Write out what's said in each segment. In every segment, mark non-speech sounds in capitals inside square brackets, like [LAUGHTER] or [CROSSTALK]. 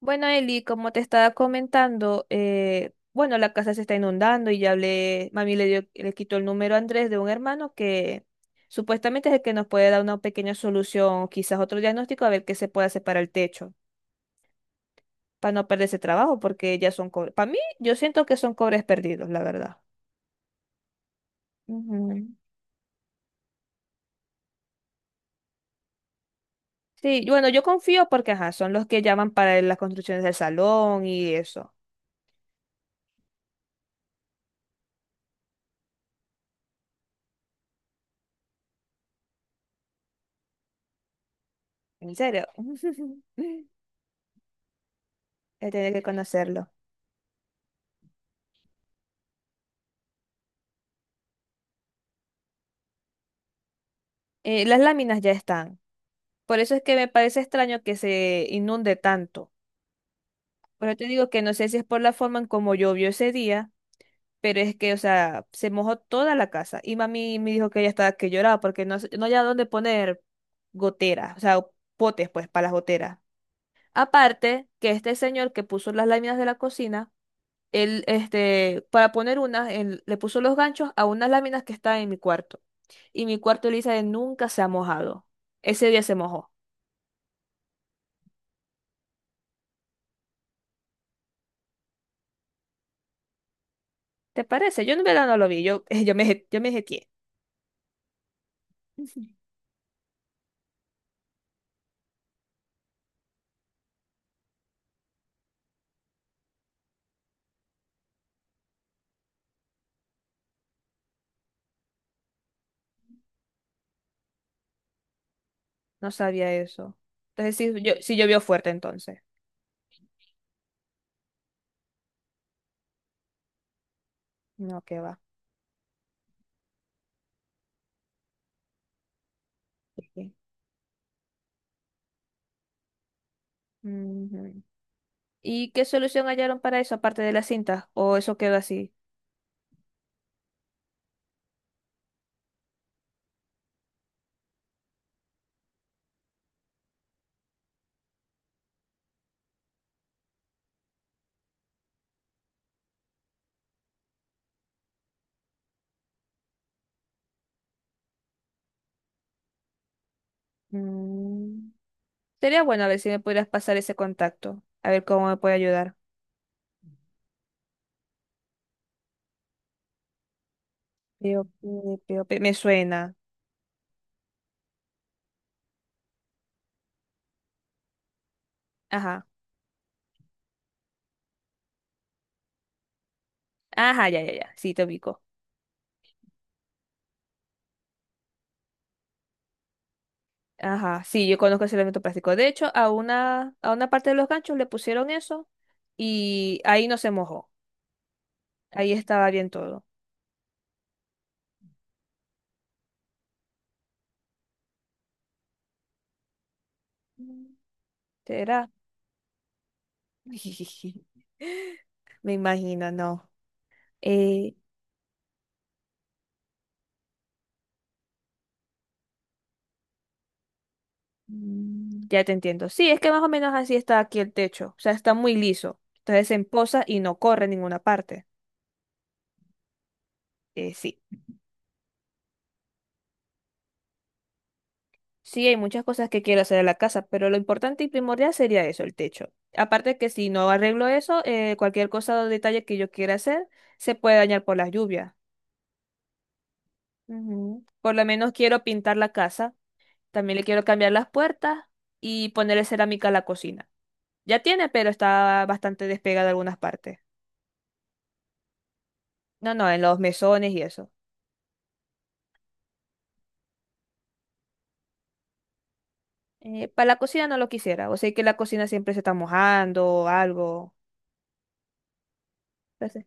Bueno, Eli, como te estaba comentando, bueno, la casa se está inundando y ya hablé, mami le quitó el número a Andrés de un hermano que supuestamente es el que nos puede dar una pequeña solución, quizás otro diagnóstico, a ver qué se puede hacer para el techo, para no perder ese trabajo, porque ya son cobres. Para mí, yo siento que son cobres perdidos, la verdad. Ujú. Sí, y bueno, yo confío porque, ajá, son los que llaman para las construcciones del salón y eso. En serio, [LAUGHS] ya tiene que conocerlo. Las láminas ya están. Por eso es que me parece extraño que se inunde tanto. Por eso te digo que no sé si es por la forma en cómo llovió ese día, pero es que, o sea, se mojó toda la casa. Y mami me dijo que ella estaba que lloraba porque no había dónde poner goteras, o sea, potes, pues, para las goteras. Aparte, que este señor que puso las láminas de la cocina, él, este, para poner unas, él le puso los ganchos a unas láminas que están en mi cuarto. Y mi cuarto, Elisa, nunca se ha mojado. Ese día se mojó. ¿Te parece? Yo en verdad no lo vi, [LAUGHS] yo yo me jeteé. Ujú. No sabía eso. Entonces sí, yo, sí llovió fuerte entonces. No, qué va. Ok. Ujú. ¿Y qué solución hallaron para eso aparte de la cinta? ¿O eso quedó así? Mm. Sería bueno a ver si me pudieras pasar ese contacto. A ver cómo me puede ayudar. Pío, pío, pío, pío. Me suena. Ajá. Ajá, ya, ya, ya. Sí, te ubico. Ajá. Sí, yo conozco ese elemento plástico. De hecho, a una parte de los ganchos le pusieron eso y ahí no se mojó. Ahí estaba bien todo. ¿Será? [LAUGHS] Me imagino, no. Eh, ya te entiendo. Sí, es que más o menos así está aquí el techo. O sea, está muy liso. Entonces se empoza y no corre en ninguna parte. Sí. Sí, hay muchas cosas que quiero hacer en la casa, pero lo importante y primordial sería eso, el techo. Aparte que si no arreglo eso, cualquier cosa o detalle que yo quiera hacer se puede dañar por las lluvias. Ujú. Por lo menos quiero pintar la casa. También le quiero cambiar las puertas y ponerle cerámica a la cocina. Ya tiene, pero está bastante despegada en algunas partes. No, no, en los mesones y eso. Para la cocina no lo quisiera. O sea que la cocina siempre se está mojando o algo. Entonces,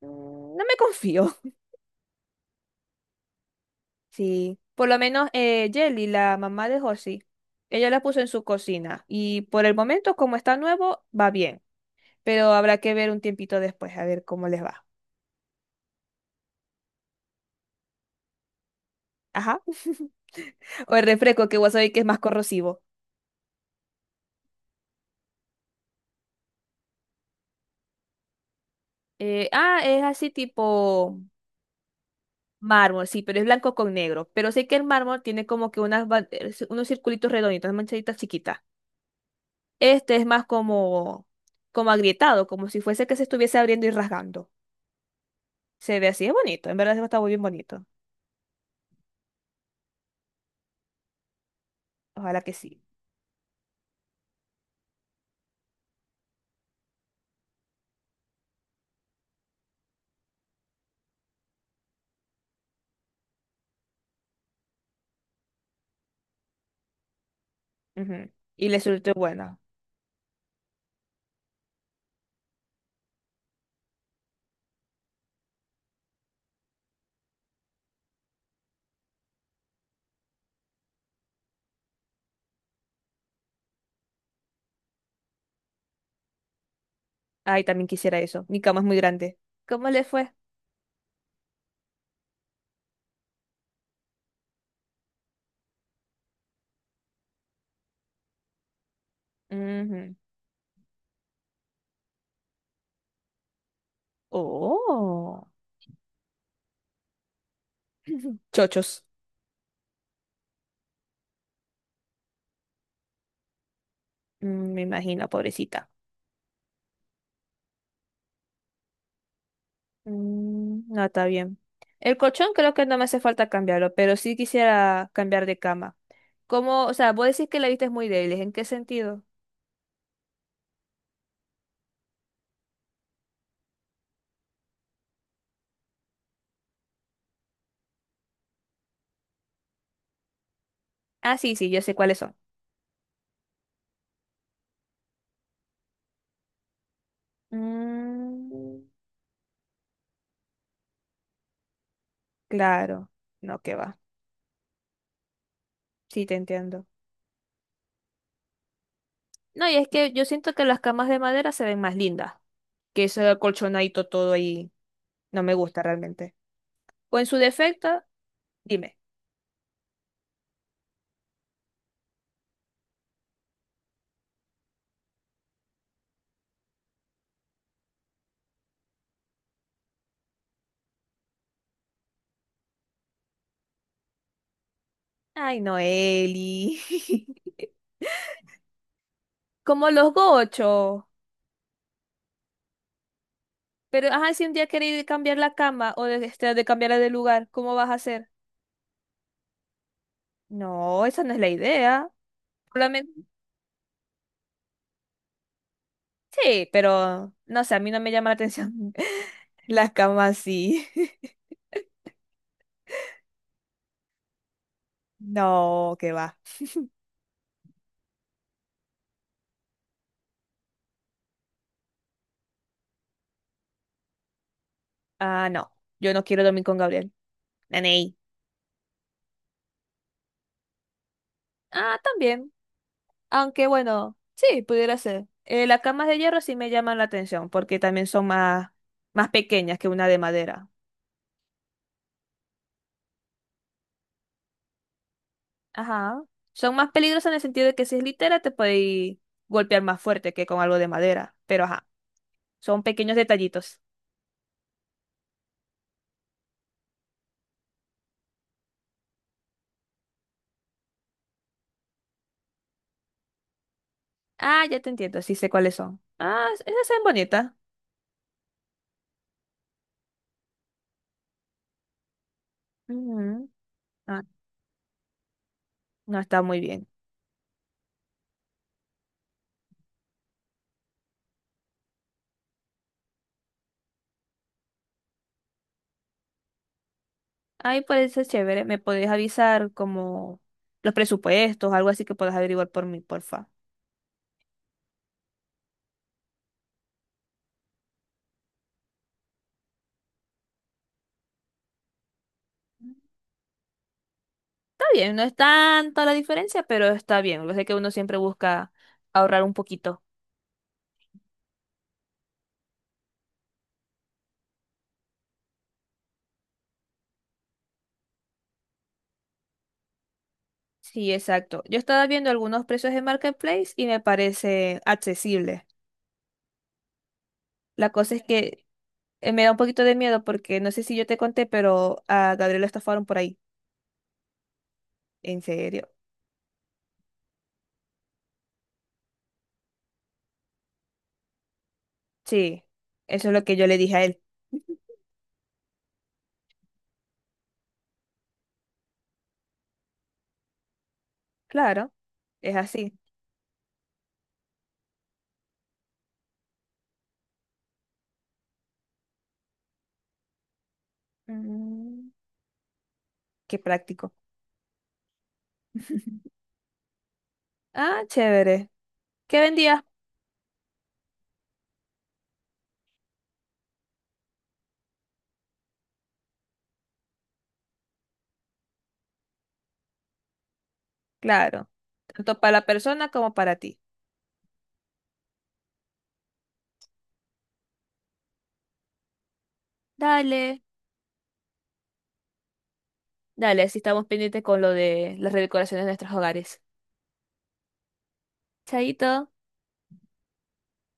mm, no me confío. [LAUGHS] Sí. Por lo menos Jelly, la mamá de Josie, ella la puso en su cocina. Y por el momento, como está nuevo, va bien. Pero habrá que ver un tiempito después a ver cómo les va. Ajá. [LAUGHS] O el refresco que vos sabés que es más corrosivo. Es así tipo mármol, sí, pero es blanco con negro. Pero sé que el mármol tiene como que unos circulitos redonditos, unas manchaditas chiquitas. Este es más como, Como agrietado, como si fuese que se estuviese abriendo y rasgando. Se ve así, es bonito, en verdad está muy bien bonito. Ojalá que sí. Ujú. Y le suelto buena. Ay, también quisiera eso. Mi cama es muy grande. ¿Cómo le fue? Ujú. Oh. [CLEARS THROAT] [LAUGHS] Chochos. Mm, me imagino, pobrecita. Mm, no, está bien. El colchón creo que no me hace falta cambiarlo, pero sí quisiera cambiar de cama. ¿Cómo? O sea, vos decís que la vista es muy débil. ¿En qué sentido? Ah, sí, sí, yo sé cuáles son. Mm, claro. No, que va. Sí, te entiendo. No, y es que yo siento que las camas de madera se ven más lindas que ese colchonadito todo ahí. No me gusta realmente. O en su defecto, dime. Ay, no, Eli. [LAUGHS] Como los gochos. Pero, ajá, si un día queréis cambiar la cama de cambiarla de lugar, ¿cómo vas a hacer? No, esa no es la idea. Solamente, sí, pero no sé, a mí no me llama la atención [LAUGHS] las camas sí. [LAUGHS] No, que va. Ah, no, yo no quiero dormir con Gabriel. Naney. Ah, también. Aunque bueno, sí, pudiera ser. Las camas de hierro sí me llaman la atención porque también son más pequeñas que una de madera. Ajá. Son más peligrosas en el sentido de que si es litera te puede golpear más fuerte que con algo de madera. Pero ajá, son pequeños detallitos. Ah, ya te entiendo, sí sé cuáles son. Ah, esas son bonitas. Ujú. Ah, no está muy bien. Ahí puede ser chévere. ¿Me podés avisar como los presupuestos, algo así que puedas averiguar por mí, porfa? Está bien, no es tanto la diferencia, pero está bien. Lo sé que uno siempre busca ahorrar un poquito. Sí, exacto. Yo estaba viendo algunos precios de Marketplace y me parece accesible. La cosa es que me da un poquito de miedo porque no sé si yo te conté, pero a Gabriel lo estafaron por ahí. ¿En serio? Sí, eso es lo que yo le dije a él. Claro, es así. Mm, qué práctico. Ah, chévere. ¿Qué vendías? Claro, tanto para la persona como para ti. Dale, dale, así estamos pendientes con lo de las redecoraciones de nuestros hogares. Chaito.